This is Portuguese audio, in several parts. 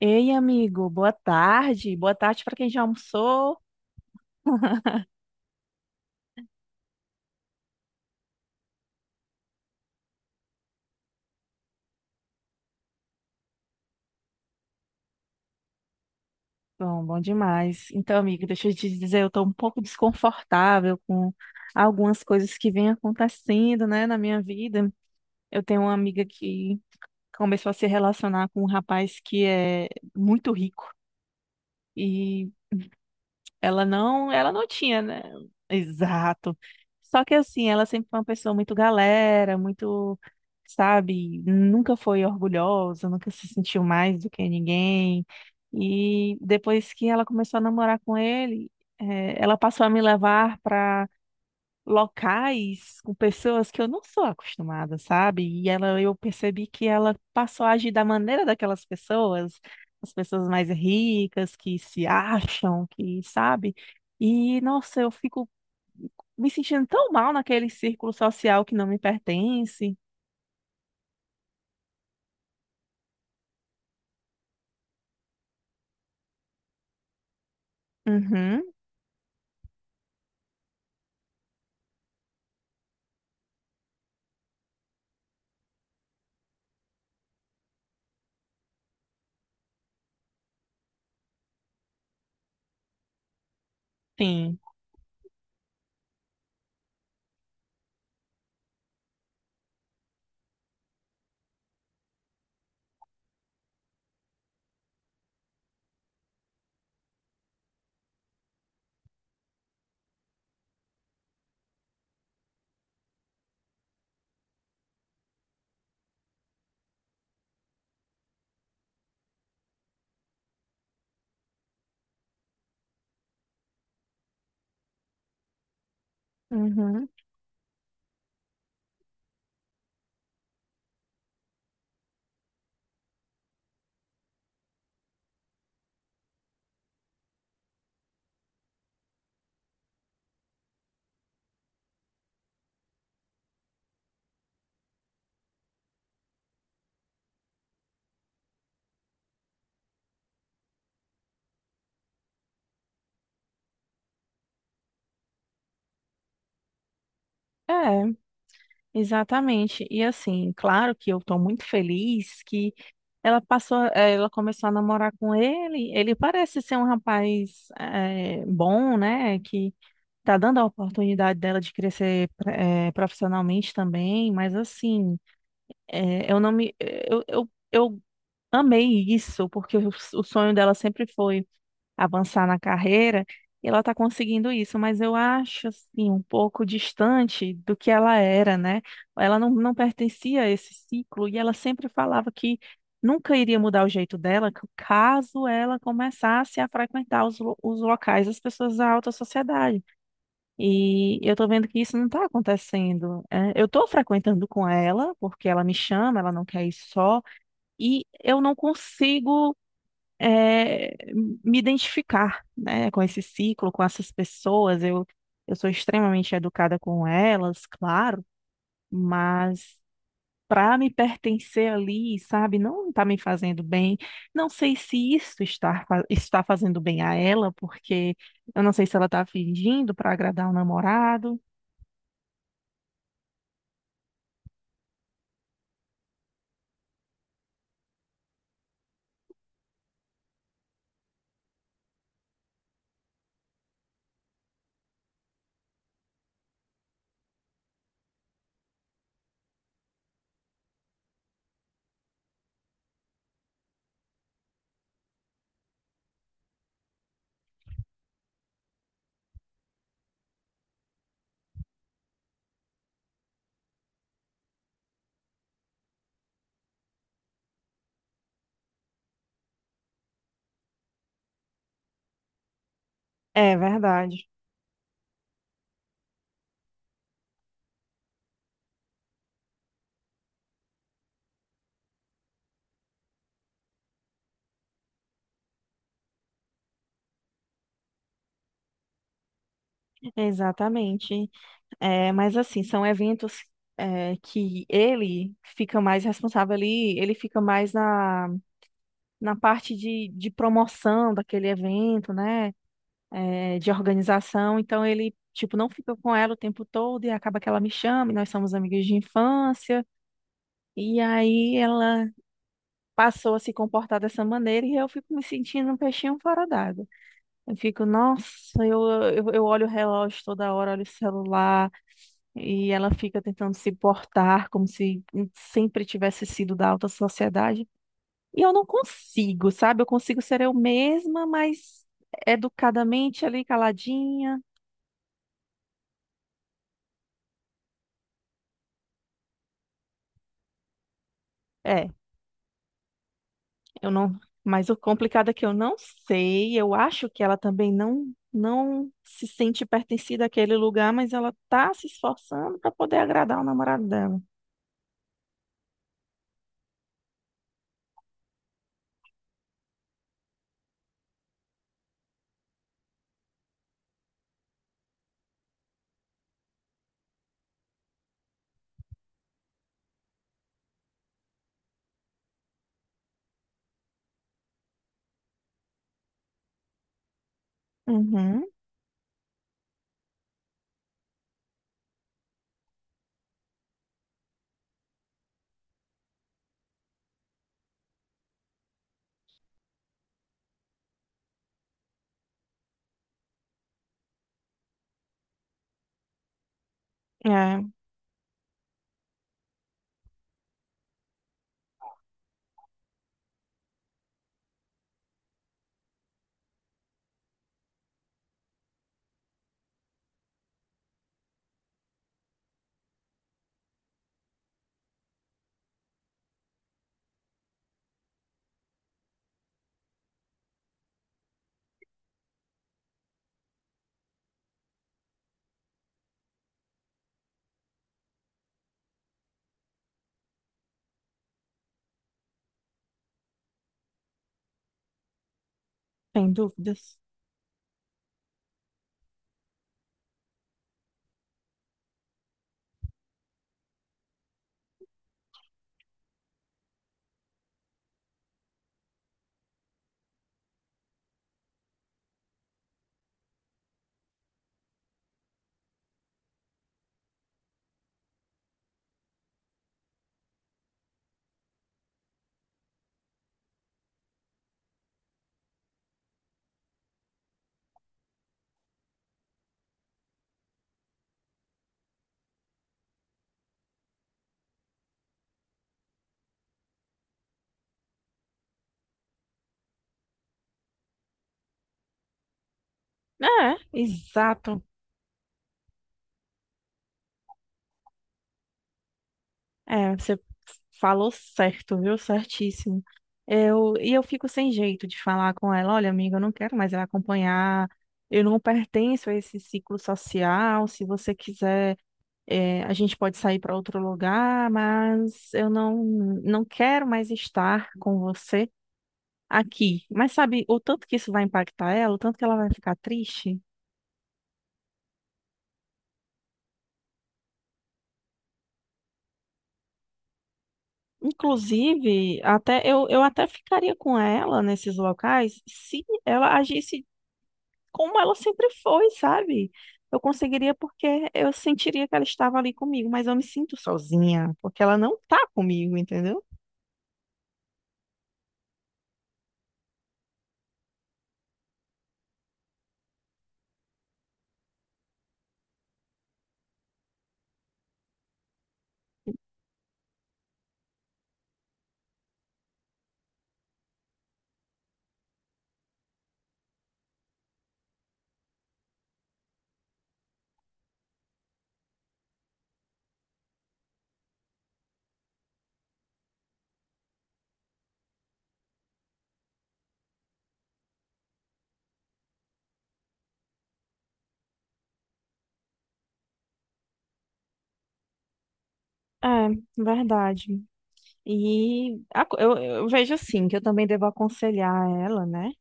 Ei, amigo, boa tarde. Boa tarde para quem já almoçou. Bom, bom demais. Então, amigo, deixa eu te dizer, eu estou um pouco desconfortável com algumas coisas que vêm acontecendo, né, na minha vida. Eu tenho uma amiga que começou a se relacionar com um rapaz que é muito rico. e ela não tinha, né? Exato. Só que assim, ela sempre foi uma pessoa muito galera, muito, sabe, nunca foi orgulhosa, nunca se sentiu mais do que ninguém. E depois que ela começou a namorar com ele, ela passou a me levar para locais com pessoas que eu não sou acostumada, sabe? E ela, eu percebi que ela passou a agir da maneira daquelas pessoas, as pessoas mais ricas que se acham, que sabe? E nossa, eu fico me sentindo tão mal naquele círculo social que não me pertence. Uhum, sim. Uhum. É, exatamente. E assim, claro que eu estou muito feliz que ela passou, ela começou a namorar com ele. Ele parece ser um rapaz bom, né? Que tá dando a oportunidade dela de crescer profissionalmente também. Mas assim, eh, eu não me, eh, eu amei isso porque o sonho dela sempre foi avançar na carreira, e ela está conseguindo isso, mas eu acho assim um pouco distante do que ela era, né? Ela não, não pertencia a esse ciclo e ela sempre falava que nunca iria mudar o jeito dela caso ela começasse a frequentar os, os locais das pessoas da alta sociedade. E eu tô vendo que isso não está acontecendo. É. Eu tô frequentando com ela, porque ela me chama, ela não quer ir só, e eu não consigo é, me identificar, né, com esse ciclo, com essas pessoas. Eu sou extremamente educada com elas, claro, mas para me pertencer ali, sabe, não está me fazendo bem. Não sei se isso está, está fazendo bem a ela, porque eu não sei se ela está fingindo para agradar o namorado. É verdade, exatamente. É, mas assim, são eventos que ele fica mais responsável ali, ele fica mais na na parte de promoção daquele evento, né? É, de organização. Então ele, tipo, não fica com ela o tempo todo e acaba que ela me chama, e nós somos amigas de infância. E aí ela passou a se comportar dessa maneira e eu fico me sentindo um peixinho fora d'água. Eu fico, nossa, eu, eu olho o relógio toda hora, olho o celular, e ela fica tentando se portar como se sempre tivesse sido da alta sociedade. E eu não consigo, sabe? Eu consigo ser eu mesma, mas educadamente ali, caladinha. É, eu não. Mas o complicado é que eu não sei. Eu acho que ela também não se sente pertencida àquele lugar, mas ela tá se esforçando para poder agradar o namorado dela. Uhum. É, sem dúvidas. É, exato. É, você falou certo, viu? Certíssimo. E eu fico sem jeito de falar com ela, olha, amiga, eu não quero mais ela acompanhar, eu não pertenço a esse ciclo social, se você quiser, a gente pode sair para outro lugar, mas eu não, não quero mais estar com você aqui. Mas sabe o tanto que isso vai impactar ela, o tanto que ela vai ficar triste? Inclusive, eu até ficaria com ela nesses locais se ela agisse como ela sempre foi, sabe? Eu conseguiria porque eu sentiria que ela estava ali comigo, mas eu me sinto sozinha, porque ela não tá comigo, entendeu? É, verdade. E eu vejo assim, que eu também devo aconselhar ela, né?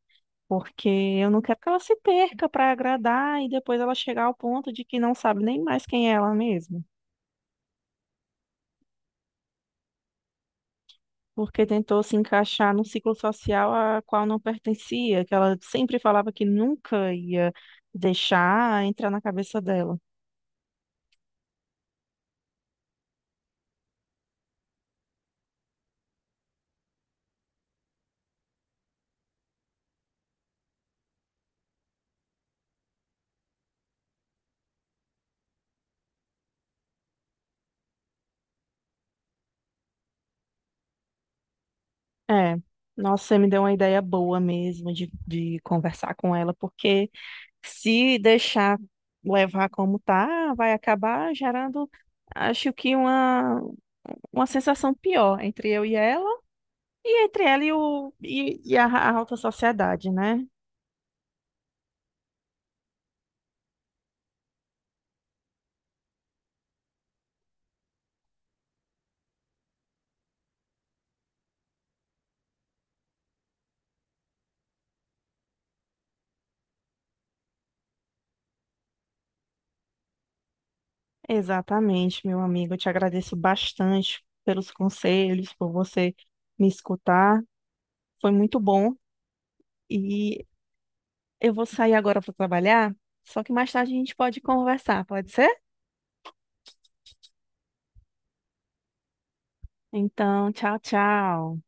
Porque eu não quero que ela se perca para agradar e depois ela chegar ao ponto de que não sabe nem mais quem é ela mesma. Porque tentou se encaixar num ciclo social a qual não pertencia, que ela sempre falava que nunca ia deixar entrar na cabeça dela. É, nossa, você me deu uma ideia boa mesmo de conversar com ela, porque se deixar levar como tá, vai acabar gerando, acho que uma sensação pior entre eu e ela, e entre ela e a alta sociedade, né? Exatamente, meu amigo. Eu te agradeço bastante pelos conselhos, por você me escutar. Foi muito bom. E eu vou sair agora para trabalhar, só que mais tarde a gente pode conversar, pode ser? Então, tchau, tchau.